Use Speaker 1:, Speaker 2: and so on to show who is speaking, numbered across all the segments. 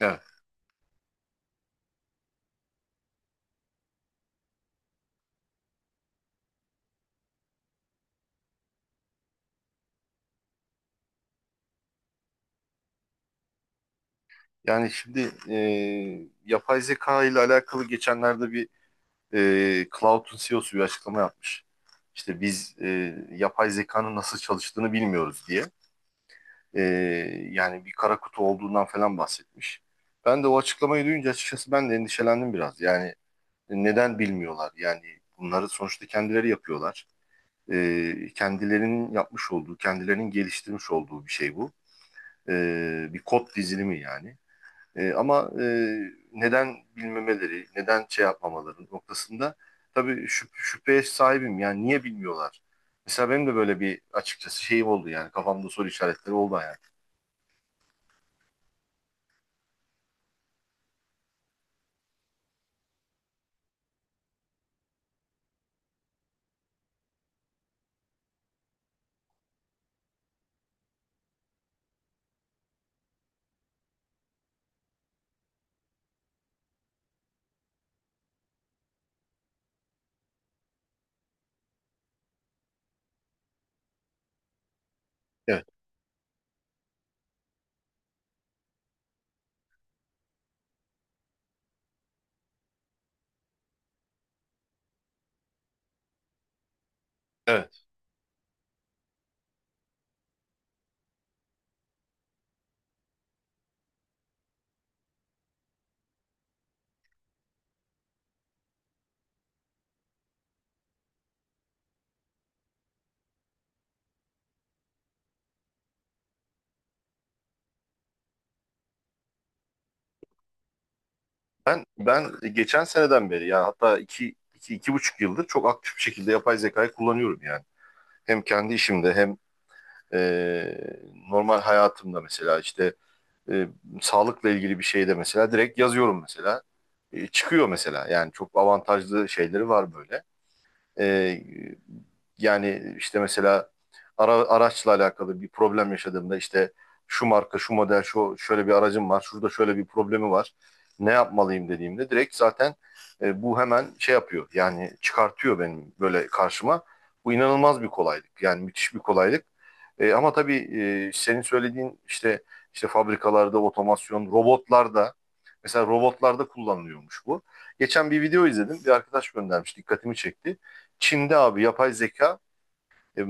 Speaker 1: Evet. Yani şimdi yapay zeka ile alakalı geçenlerde bir Cloud'un CEO'su bir açıklama yapmış. İşte biz yapay zekanın nasıl çalıştığını bilmiyoruz diye. E, Yani bir kara kutu olduğundan falan bahsetmiş. Ben de o açıklamayı duyunca açıkçası ben de endişelendim biraz. Yani neden bilmiyorlar? Yani bunları sonuçta kendileri yapıyorlar. Kendilerinin yapmış olduğu, kendilerinin geliştirmiş olduğu bir şey bu. E, Bir kod dizilimi yani. Ama neden bilmemeleri, neden şey yapmamaları noktasında tabii şüpheye sahibim. Yani niye bilmiyorlar? Mesela benim de böyle bir açıkçası şeyim oldu yani kafamda soru işaretleri oldu yani. Evet, evet. Ben geçen seneden beri yani hatta 2,5 yıldır çok aktif bir şekilde yapay zekayı kullanıyorum yani. Hem kendi işimde hem e, normal hayatımda mesela işte e, sağlıkla ilgili bir şeyde mesela direkt yazıyorum mesela. Çıkıyor mesela. Yani çok avantajlı şeyleri var böyle. Ee, Yani işte mesela araçla alakalı bir problem yaşadığımda işte şu marka, şu model, şu şöyle bir aracım var, şurada şöyle bir problemi var. Ne yapmalıyım dediğimde direkt zaten bu hemen şey yapıyor. Yani çıkartıyor benim böyle karşıma. Bu inanılmaz bir kolaylık. Yani müthiş bir kolaylık. Ama tabii senin söylediğin işte fabrikalarda otomasyon, robotlarda mesela robotlarda kullanılıyormuş bu. Geçen bir video izledim. Bir arkadaş göndermiş, dikkatimi çekti. Çin'de abi yapay zeka e,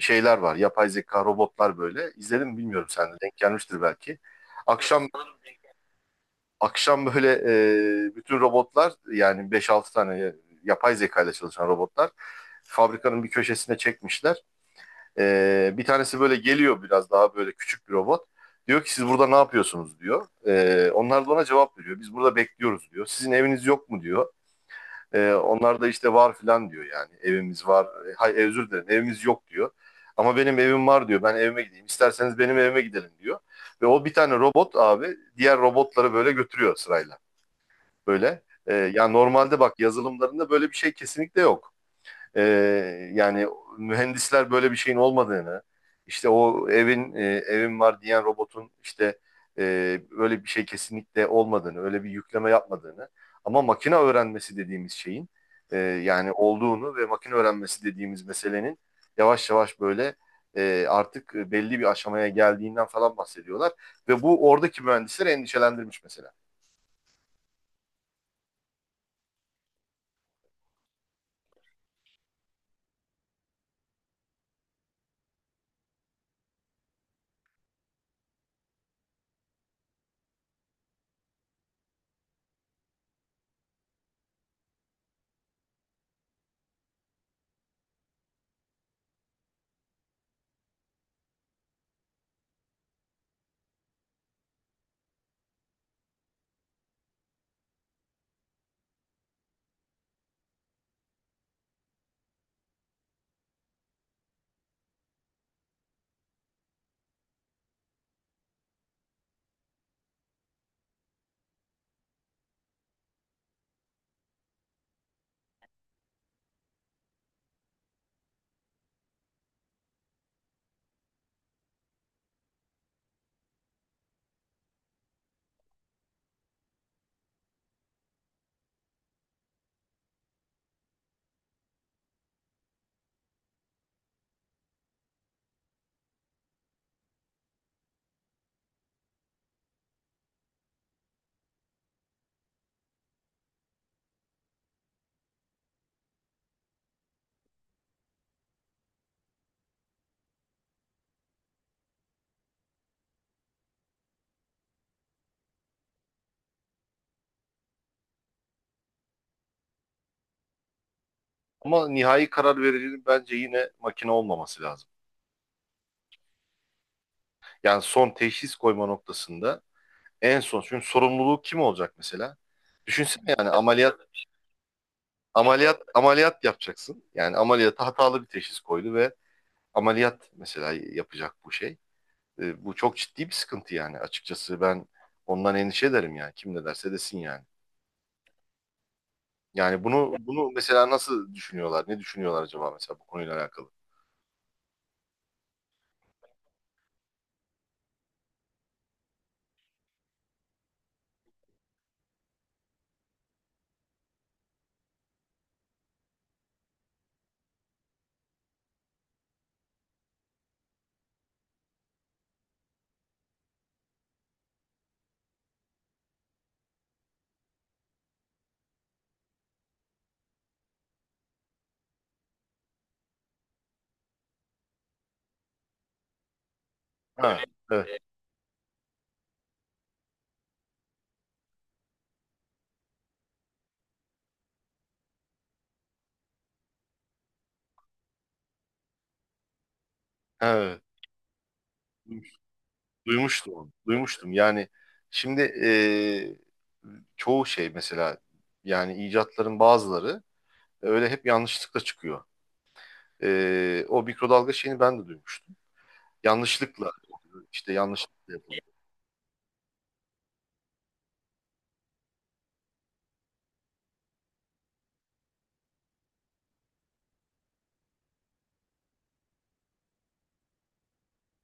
Speaker 1: şeyler var. Yapay zeka robotlar böyle. İzledim mi bilmiyorum sen de denk gelmiştir belki. Akşam akşam böyle bütün robotlar yani beş altı tane yapay zeka ile çalışan robotlar fabrikanın bir köşesine çekmişler. Bir tanesi böyle geliyor biraz daha böyle küçük bir robot. Diyor ki siz burada ne yapıyorsunuz diyor. Onlar da ona cevap veriyor. Biz burada bekliyoruz diyor. Sizin eviniz yok mu diyor. Onlar da işte var filan diyor yani. Evimiz var. Özür dilerim evimiz yok diyor. Ama benim evim var diyor. Ben evime gideyim. İsterseniz benim evime gidelim diyor. Ve o bir tane robot abi diğer robotları böyle götürüyor sırayla. Böyle. Yani normalde bak yazılımlarında böyle bir şey kesinlikle yok, e, yani mühendisler böyle bir şeyin olmadığını, işte o evin var diyen robotun işte e, öyle bir şey kesinlikle olmadığını, öyle bir yükleme yapmadığını, ama makine öğrenmesi dediğimiz şeyin yani olduğunu ve makine öğrenmesi dediğimiz meselenin yavaş yavaş böyle artık belli bir aşamaya geldiğinden falan bahsediyorlar ve bu oradaki mühendisleri endişelendirmiş mesela. Ama nihai karar vericinin bence yine makine olmaması lazım. Yani son teşhis koyma noktasında en son, çünkü sorumluluğu kim olacak mesela? Düşünsene, yani ameliyat yapacaksın. Yani ameliyata hatalı bir teşhis koydu ve ameliyat mesela yapacak bu şey. Bu çok ciddi bir sıkıntı yani, açıkçası ben ondan endişe ederim yani, kim ne derse desin yani. Yani bunu mesela nasıl düşünüyorlar? Ne düşünüyorlar acaba mesela bu konuyla alakalı? Ha, evet, evet. Duymuştum onu. Duymuştum. Yani şimdi çoğu şey mesela, yani icatların bazıları öyle hep yanlışlıkla çıkıyor. O mikrodalga şeyini ben de duymuştum. Yanlışlıkla, işte yanlışlıkla yapılıyor.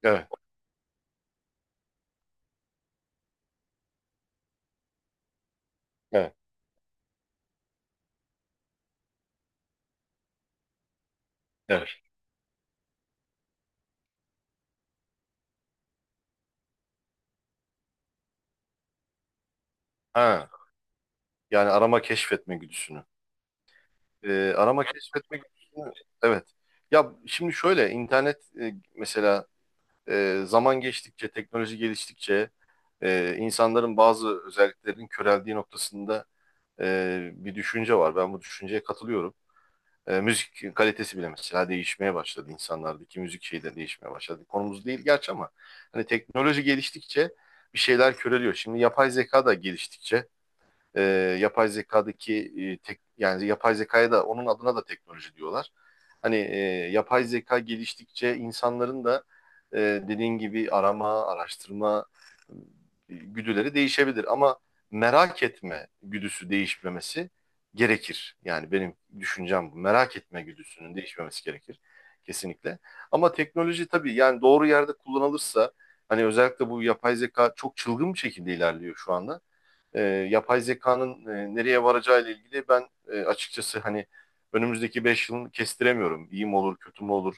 Speaker 1: Evet, evet, evet. Ha, yani arama keşfetme güdüsünü. Arama keşfetme güdüsünü, evet. Ya şimdi şöyle internet mesela, zaman geçtikçe, teknoloji geliştikçe, insanların bazı özelliklerinin köreldiği noktasında bir düşünce var. Ben bu düşünceye katılıyorum. Müzik kalitesi bile mesela değişmeye başladı, insanlardaki müzik şeyi de değişmeye başladı. Konumuz değil gerçi ama, hani teknoloji geliştikçe bir şeyler köreliyor. Şimdi yapay zeka da geliştikçe, e, yapay zekadaki yani yapay zekaya da onun adına da teknoloji diyorlar. Hani yapay zeka geliştikçe insanların da e, dediğin gibi arama, araştırma e, güdüleri değişebilir, ama merak etme güdüsü değişmemesi gerekir. Yani benim düşüncem bu. Merak etme güdüsünün değişmemesi gerekir kesinlikle. Ama teknoloji tabii, yani doğru yerde kullanılırsa, hani özellikle bu yapay zeka çok çılgın bir şekilde ilerliyor şu anda, e, yapay zekanın nereye varacağıyla ilgili ben açıkçası, hani önümüzdeki 5 yılını kestiremiyorum. İyi mi olur, kötü mü olur,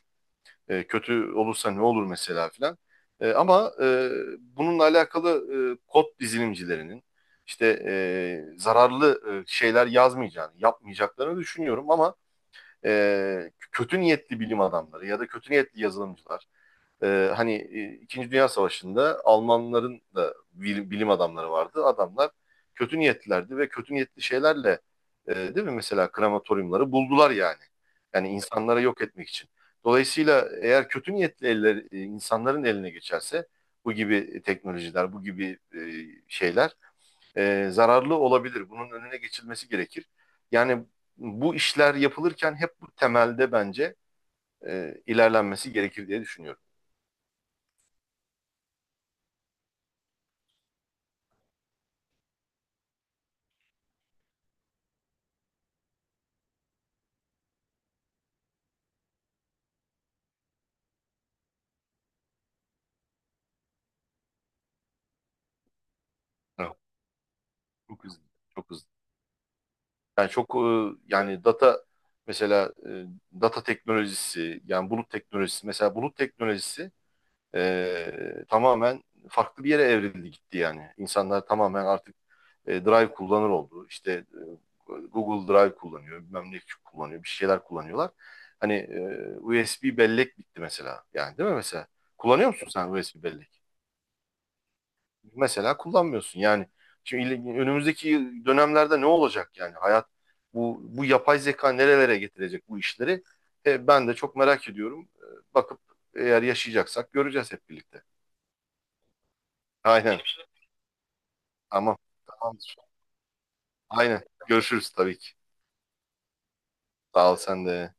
Speaker 1: kötü olursa ne olur mesela filan. Ama bununla alakalı, kod dizilimcilerinin işte zararlı şeyler yazmayacağını, yapmayacaklarını düşünüyorum, ama kötü niyetli bilim adamları ya da kötü niyetli yazılımcılar, hani İkinci Dünya Savaşı'nda Almanların da bilim adamları vardı. Adamlar kötü niyetlilerdi ve kötü niyetli şeylerle, değil mi, mesela krematoryumları buldular yani. Yani insanlara yok etmek için. Dolayısıyla eğer kötü niyetli eller, insanların eline geçerse, bu gibi teknolojiler, bu gibi şeyler zararlı olabilir. Bunun önüne geçilmesi gerekir. Yani bu işler yapılırken hep bu temelde bence ilerlenmesi gerekir diye düşünüyorum. Çok hızlı. Çok hızlı. Yani çok yani data mesela, data teknolojisi, yani bulut teknolojisi, mesela bulut teknolojisi tamamen farklı bir yere evrildi gitti yani. İnsanlar tamamen artık Drive kullanır oldu. İşte Google Drive kullanıyor, bilmem ne kullanıyor, bir şeyler kullanıyorlar. Hani USB bellek bitti mesela. Yani değil mi mesela? Kullanıyor musun sen USB bellek? Mesela kullanmıyorsun. Yani şimdi önümüzdeki dönemlerde ne olacak, yani hayat, bu yapay zeka nerelere getirecek bu işleri? Ben de çok merak ediyorum. Bakıp, eğer yaşayacaksak göreceğiz hep birlikte. Aynen. Tamam. Tamamdır. Aynen. Görüşürüz tabii ki. Sağ ol sen de.